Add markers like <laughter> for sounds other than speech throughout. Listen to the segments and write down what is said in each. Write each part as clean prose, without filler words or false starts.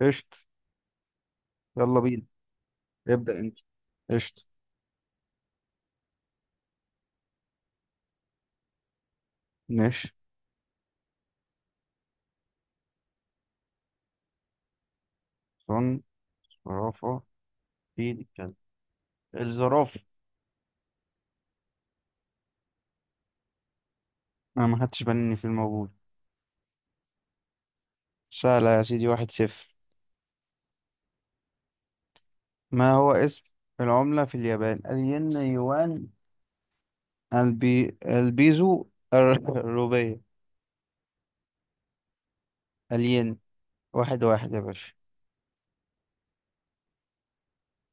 قشط. يلا بينا. ابدأ انت. قشط. ماشي. صن زرافة فيل كلب. الزرافة. أنا ما خدتش بالي إن في موجود. سهلة يا سيدي، واحد صفر. ما هو اسم العملة في اليابان؟ الين، يوان، البيزو، <laughs> الروبية. الين. واحد واحد يا باشا.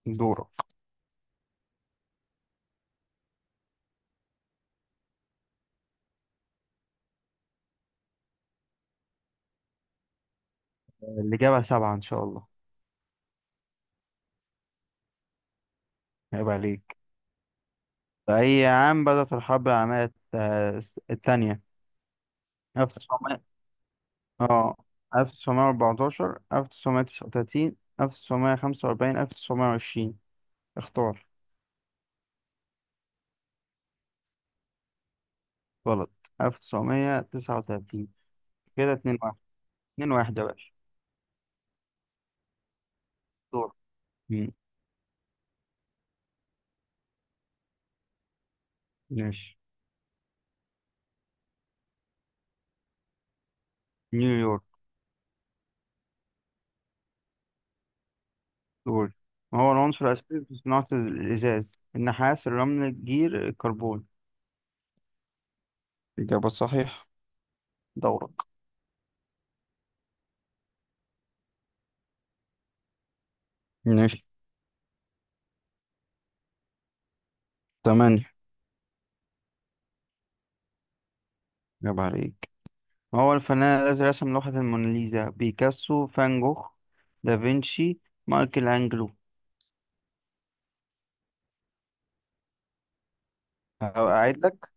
دورة. اللي جابها سبعة إن شاء الله. عيب عليك. في أي عام بدأت الحرب العالمية الثانية؟ 1900، اه، 1914، 1939، 1945، 1920. اختار. غلط. 1939. كده 2-1. 2-1 يا باشا. دور. مم. ماشي. نيويورك. دور. ما هو العنصر الأساسي في صناعة الإزاز؟ النحاس، الرمل، الجير، الكربون. إجابة صحيحة. دورك. ماشي. تمانية. إجابة عليك. ما هو الفنان الذي رسم لوحة الموناليزا؟ بيكاسو، فان جوخ، دافنشي، مايكل أنجلو. أعيد لك.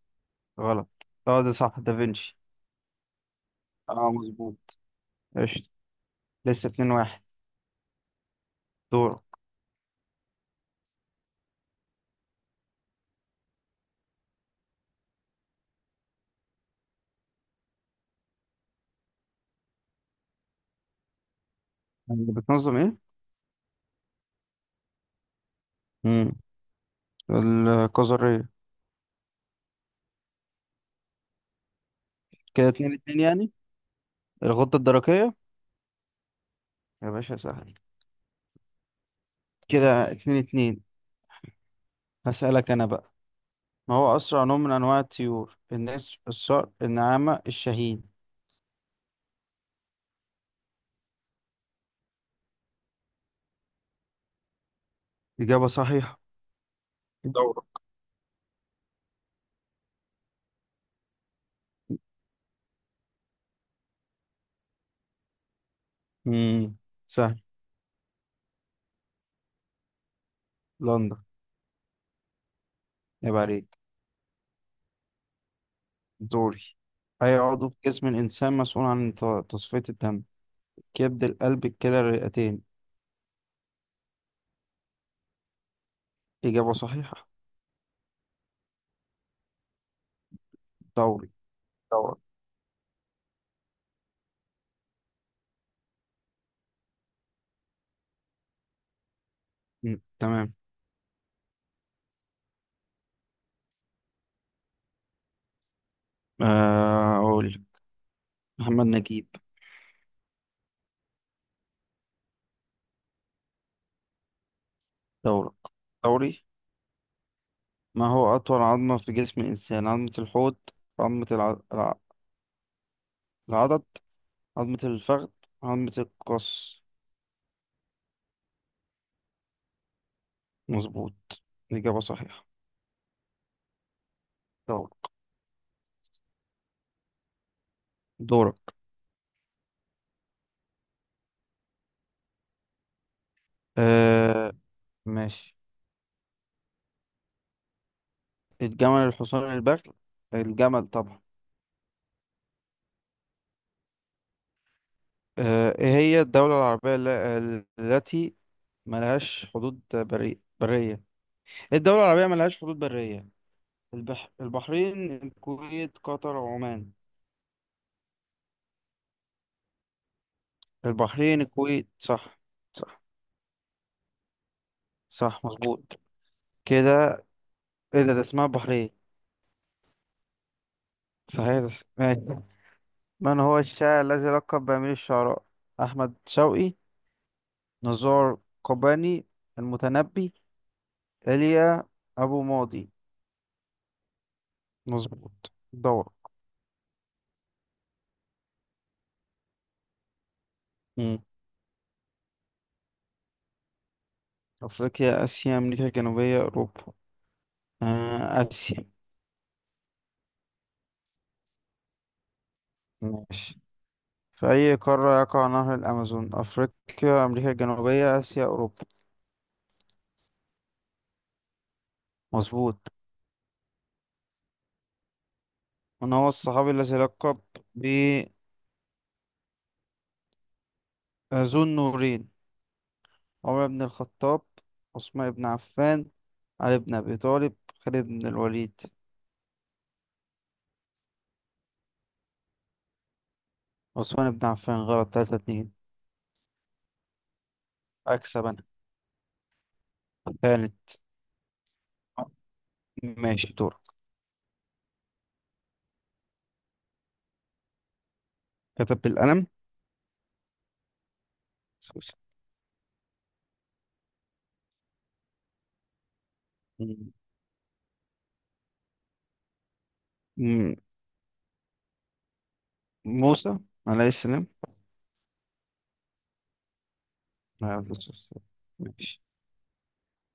غلط. اه ده صح، دافنشي. اه، مظبوط. قشطة. لسه اتنين واحد. دور. اللي بتنظم ايه؟ مم. الكظرية. كده اتنين اتنين، يعني الغدة الدرقية. يا باشا سهل. كده اتنين اتنين. هسألك أنا بقى. ما هو أسرع نوع من أنواع الطيور؟ النسر، الصقر، النعامة، الشاهين. إجابة صحيحة. دورة. مم. سهل. لندن. يبقى عليك. دوري. أي عضو في جسم الإنسان مسؤول عن تصفية الدم؟ كبد، القلب، الكلى، الرئتين. إجابة صحيحة. دوري دوري. مم، تمام. آه، أقول. محمد نجيب. دورك. دوري. ما هو أطول عظمة في جسم الإنسان؟ عظمة الحوض، عظمة العضد، عظمة الفخذ، عظمة القص. مظبوط. إجابة صحيحة. دورك. دورك. آه، ماشي. الجمل، الحصان، البغل. الجمل طبعا. آه، إيه هي الدولة العربية التي ملهاش حدود برية؟ إيه الدولة العربية ملهاش حدود برية؟ البحرين، الكويت، قطر، عمان. البحرين، الكويت. صح. صح صح. مظبوط كده. ايه ده اسمها البحرين. صحيح ده ماشي. من هو الشاعر الذي لقب بأمير الشعراء؟ أحمد شوقي، نزار قباني، المتنبي، إيليا أبو ماضي. مظبوط. دور. مم. أفريقيا، آسيا، أمريكا الجنوبية، أوروبا. آه، آسيا. ماشي. في أي قارة يقع نهر الأمازون؟ أفريقيا، أمريكا الجنوبية، آسيا، أوروبا. مظبوط. من هو الصحابي الذي لقب بذو النورين؟ عمر بن الخطاب، عثمان بن عفان، علي بن أبي طالب، خالد بن الوليد. عثمان بن عفان. غلط. تلاتة اتنين. أكسب أنا. كانت. ماشي دور. كتب بالقلم. م- م- موسى عليه السلام عليه السلام. ماشي.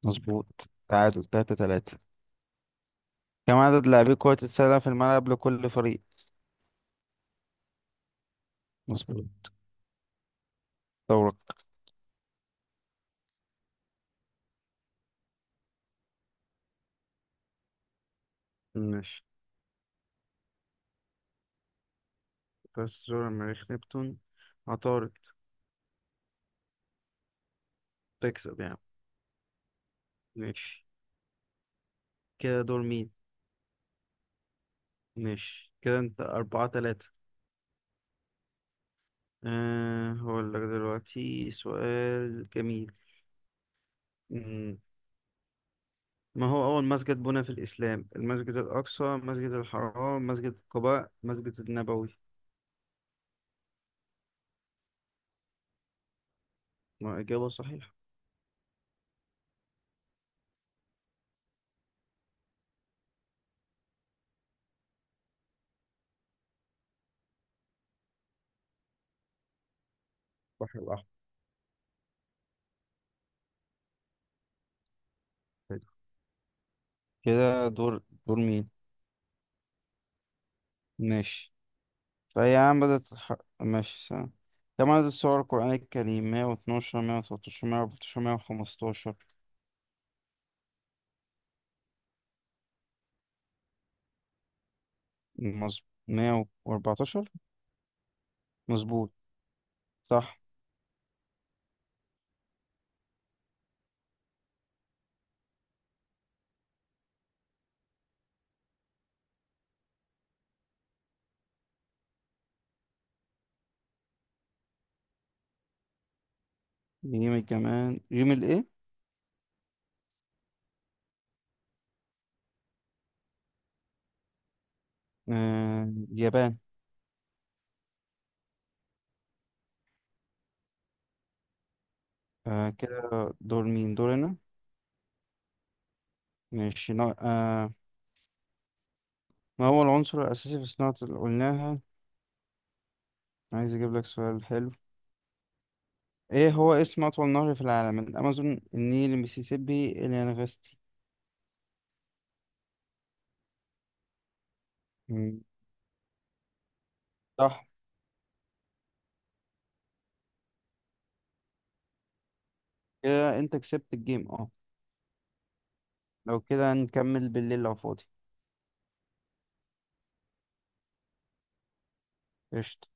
مظبوط. تعادل تلاتة تلاتة. كم عدد لاعبي كرة السلة في الملعب لكل فريق؟ مظبوط. دورك. ماشي بس زور. المريخ، نبتون، عطارد. تكسب يعني. ماشي. كده دور مين. ماشي. كده انت أربعة تلاتة. هقول لك دلوقتي سؤال جميل. مم. ما هو أول مسجد بنى في الإسلام؟ المسجد الأقصى، مسجد الحرام، مسجد قباء، مسجد النبوي. ما إجابة صحيحة. البحر الأحمر. حلو. كده دور. دور مين. ماشي. فهي عم بدأت ماشي سنة. كم عدد السور القرآن الكريم؟ 112، 113، 114، 115. مظبوط. 114. مظبوط صح. يوم كمان يوم الايه؟ آه، اليابان. آه، كده. دور مين. دورنا. ماشي آه. ما هو العنصر الأساسي في صناعة اللي قلناها؟ عايز أجيب لك سؤال حلو. إيه هو اسم أطول نهر في العالم؟ الأمازون، النيل، المسيسيبي، اليانغستي. مم، صح. كده أنت كسبت الجيم. لو كده نكمل بالليل لو فاضي. قشطة.